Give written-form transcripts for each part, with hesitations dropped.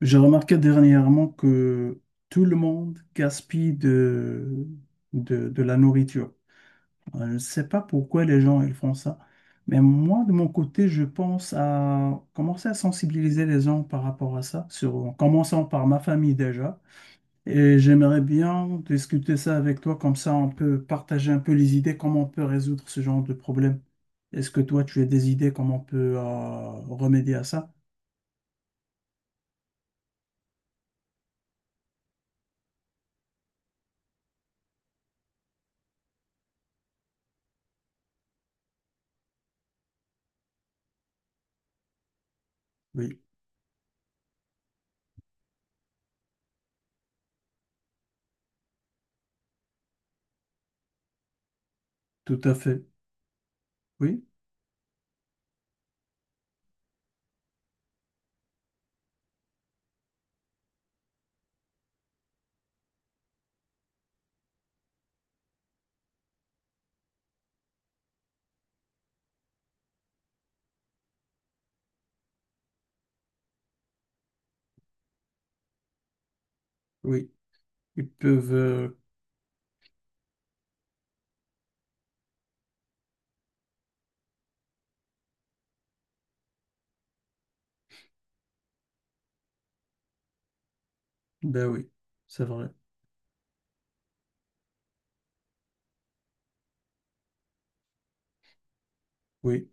J'ai remarqué dernièrement que tout le monde gaspille de la nourriture. Je ne sais pas pourquoi les gens ils font ça, mais moi, de mon côté, je pense à commencer à sensibiliser les gens par rapport à ça, sur, en commençant par ma famille déjà. Et j'aimerais bien discuter ça avec toi, comme ça on peut partager un peu les idées, comment on peut résoudre ce genre de problème. Est-ce que toi, tu as des idées, comment on peut remédier à ça? Oui, tout à fait. Oui, oui. Ils peuvent ben oui, c'est vrai. Oui,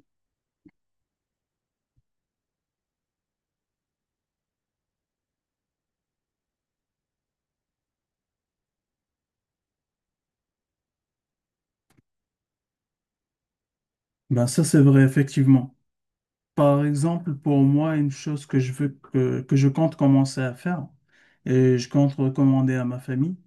ben ça c'est vrai, effectivement. Par exemple, pour moi, une chose que je compte commencer à faire, et je compte recommander à ma famille,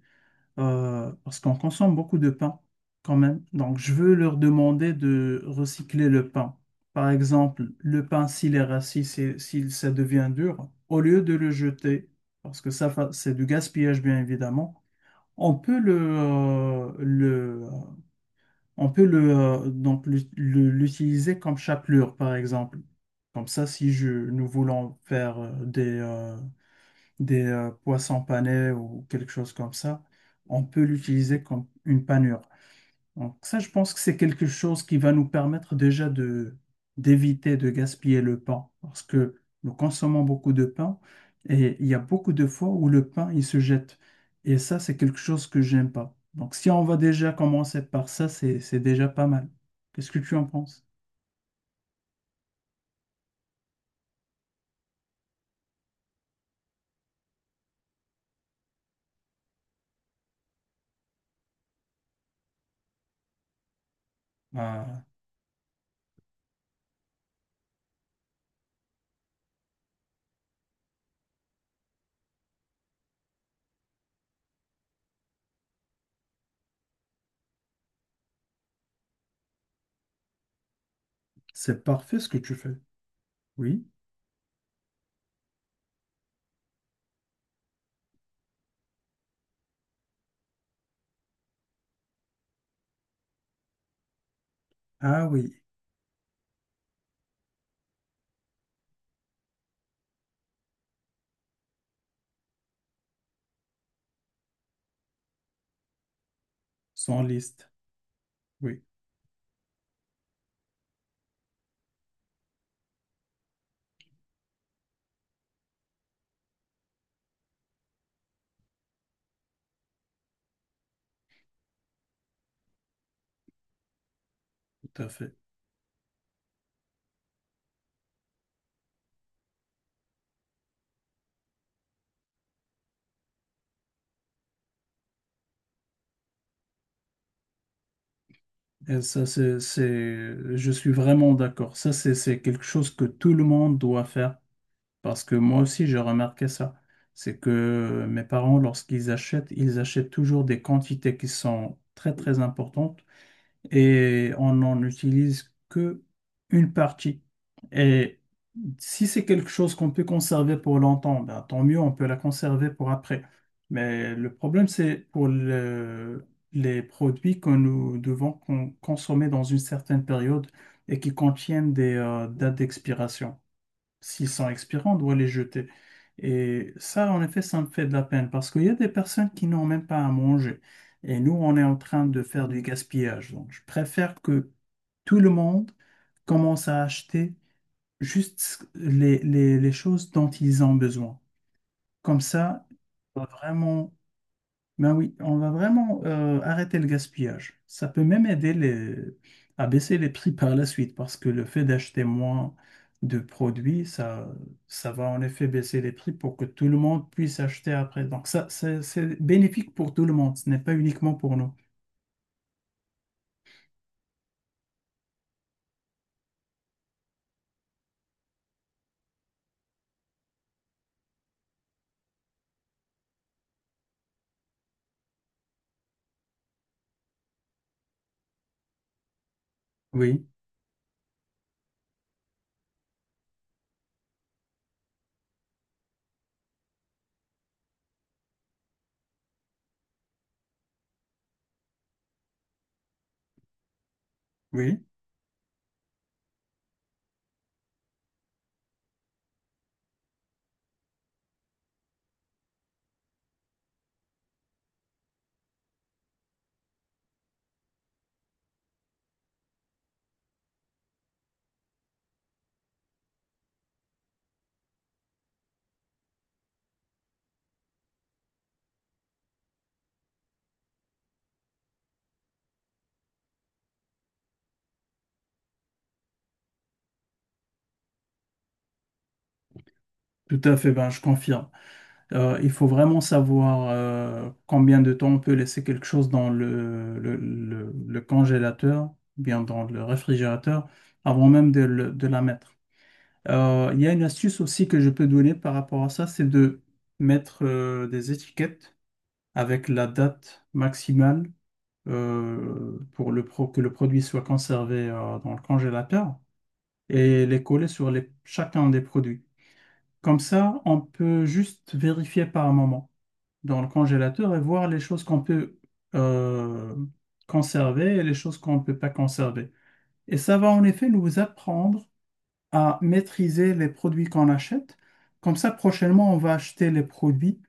parce qu'on consomme beaucoup de pain quand même. Donc, je veux leur demander de recycler le pain. Par exemple, le pain, s'il est rassis, s'il ça devient dur, au lieu de le jeter, parce que ça, c'est du gaspillage, bien évidemment, on peut on peut donc l'utiliser comme chapelure, par exemple. Comme ça, si je, nous voulons faire des poissons panés ou quelque chose comme ça, on peut l'utiliser comme une panure. Donc ça, je pense que c'est quelque chose qui va nous permettre déjà de d'éviter de gaspiller le pain, parce que nous consommons beaucoup de pain et il y a beaucoup de fois où le pain, il se jette. Et ça, c'est quelque chose que j'aime pas. Donc si on va déjà commencer par ça, c'est déjà pas mal. Qu'est-ce que tu en penses? Ah, c'est parfait ce que tu fais. Oui. Ah oui, sans liste. Oui, tout à fait. Et ça, je suis vraiment d'accord. Ça, c'est quelque chose que tout le monde doit faire. Parce que moi aussi, j'ai remarqué ça. C'est que mes parents, lorsqu'ils achètent, ils achètent toujours des quantités qui sont très, très importantes et on n'en utilise que une partie. Et si c'est quelque chose qu'on peut conserver pour longtemps, ben, tant mieux, on peut la conserver pour après. Mais le problème, les produits que nous devons consommer dans une certaine période et qui contiennent des dates d'expiration, s'ils sont expirants, on doit les jeter. Et ça, en effet, ça me fait de la peine parce qu'il y a des personnes qui n'ont même pas à manger. Et nous, on est en train de faire du gaspillage. Donc, je préfère que tout le monde commence à acheter juste les choses dont ils ont besoin. Comme ça, on va vraiment ben oui, on va vraiment arrêter le gaspillage. Ça peut même aider les… à baisser les prix par la suite parce que le fait d'acheter moins de produits, ça va en effet baisser les prix pour que tout le monde puisse acheter après. Donc ça, c'est bénéfique pour tout le monde, ce n'est pas uniquement pour nous. Oui, oui, tout à fait, ben je confirme. Il faut vraiment savoir combien de temps on peut laisser quelque chose dans le congélateur, ou bien dans le réfrigérateur, avant même de, de la mettre. Il y a une astuce aussi que je peux donner par rapport à ça, c'est de mettre des étiquettes avec la date maximale pour que le produit soit conservé dans le congélateur et les coller chacun des produits. Comme ça, on peut juste vérifier par moment dans le congélateur et voir les choses qu'on peut euh, conserver et les choses qu'on ne peut pas conserver. Et ça va en effet nous apprendre à maîtriser les produits qu'on achète. Comme ça, prochainement, on va acheter les produits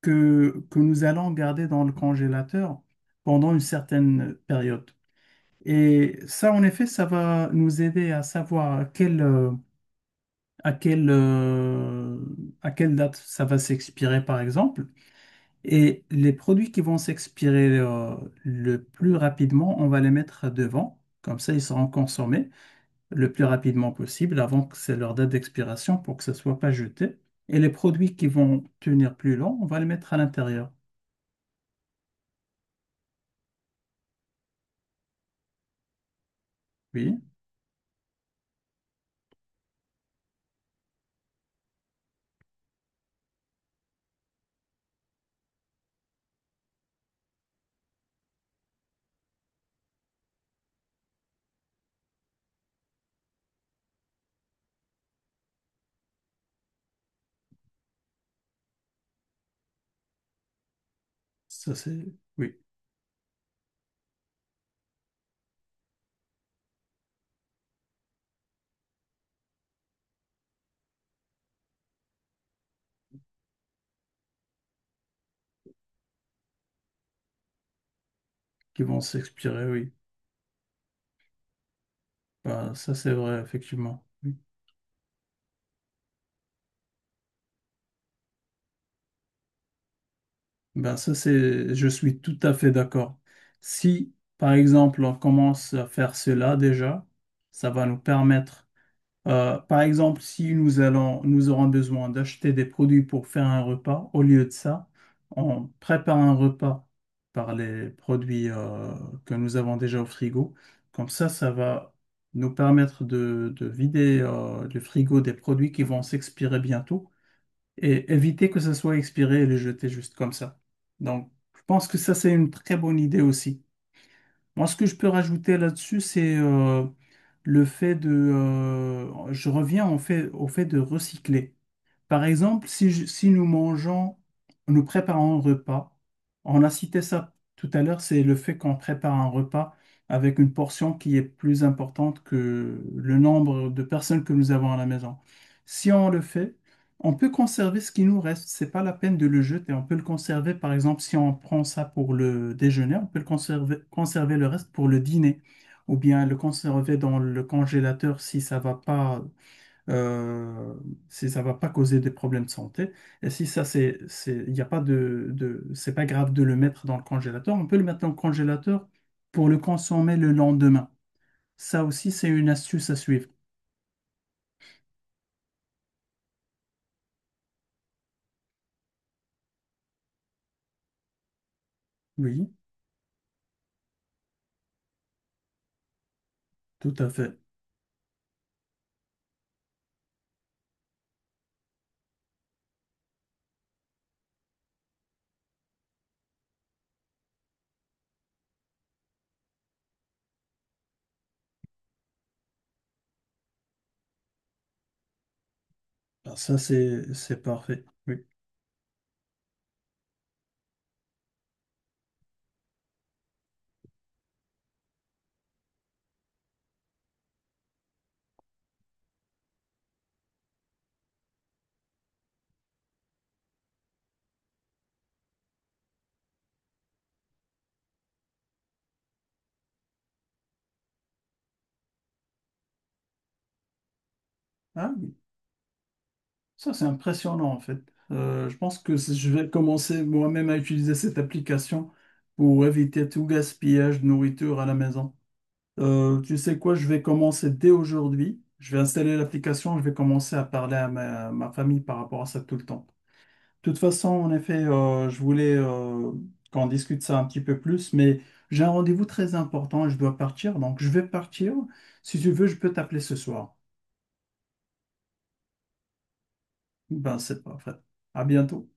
que nous allons garder dans le congélateur pendant une certaine période. Et ça, en effet, ça va nous aider à savoir à quelle, euh, à quelle date ça va s'expirer, par exemple. Et les produits qui vont s'expirer le plus rapidement, on va les mettre devant. Comme ça, ils seront consommés le plus rapidement possible avant que c'est leur date d'expiration pour que ça ne soit pas jeté. Et les produits qui vont tenir plus long, on va les mettre à l'intérieur. Oui, ça c'est… Oui, qui vont s'expirer, oui. Ben, ça c'est vrai, effectivement. Oui. Ben, ça c'est… Je suis tout à fait d'accord. Si, par exemple, on commence à faire cela déjà, ça va nous permettre. Par exemple, si nous aurons besoin d'acheter des produits pour faire un repas, au lieu de ça, on prépare un repas par les produits que nous avons déjà au frigo. Comme ça va nous permettre de vider le frigo des produits qui vont s'expirer bientôt et éviter que ça soit expiré et les jeter juste comme ça. Donc, je pense que ça, c'est une très bonne idée aussi. Moi, ce que je peux rajouter là-dessus, c'est le fait de… je reviens en fait, au fait de recycler. Par exemple, si nous mangeons, nous préparons un repas, on a cité ça tout à l'heure, c'est le fait qu'on prépare un repas avec une portion qui est plus importante que le nombre de personnes que nous avons à la maison. Si on le fait, on peut conserver ce qui nous reste. C'est pas la peine de le jeter. On peut le conserver, par exemple, si on prend ça pour le déjeuner, on peut le conserver, conserver le reste pour le dîner, ou bien le conserver dans le congélateur si ça va pas euh, si ça va pas causer des problèmes de santé. Et si ça, il n'y a pas c'est pas grave de le mettre dans le congélateur, on peut le mettre dans le congélateur pour le consommer le lendemain. Ça aussi, c'est une astuce à suivre. Oui, tout à fait. Ah, ça, c'est parfait. Oui. Ah oui. Ça, c'est impressionnant, en fait. Je pense que je vais commencer moi-même à utiliser cette application pour éviter tout gaspillage de nourriture à la maison. Tu sais quoi, je vais commencer dès aujourd'hui. Je vais installer l'application, je vais commencer à parler à ma famille par rapport à ça tout le temps. De toute façon, en effet, je voulais qu'on discute ça un petit peu plus, mais j'ai un rendez-vous très important et je dois partir, donc je vais partir. Si tu veux, je peux t'appeler ce soir. Ben, c'est parfait. À bientôt.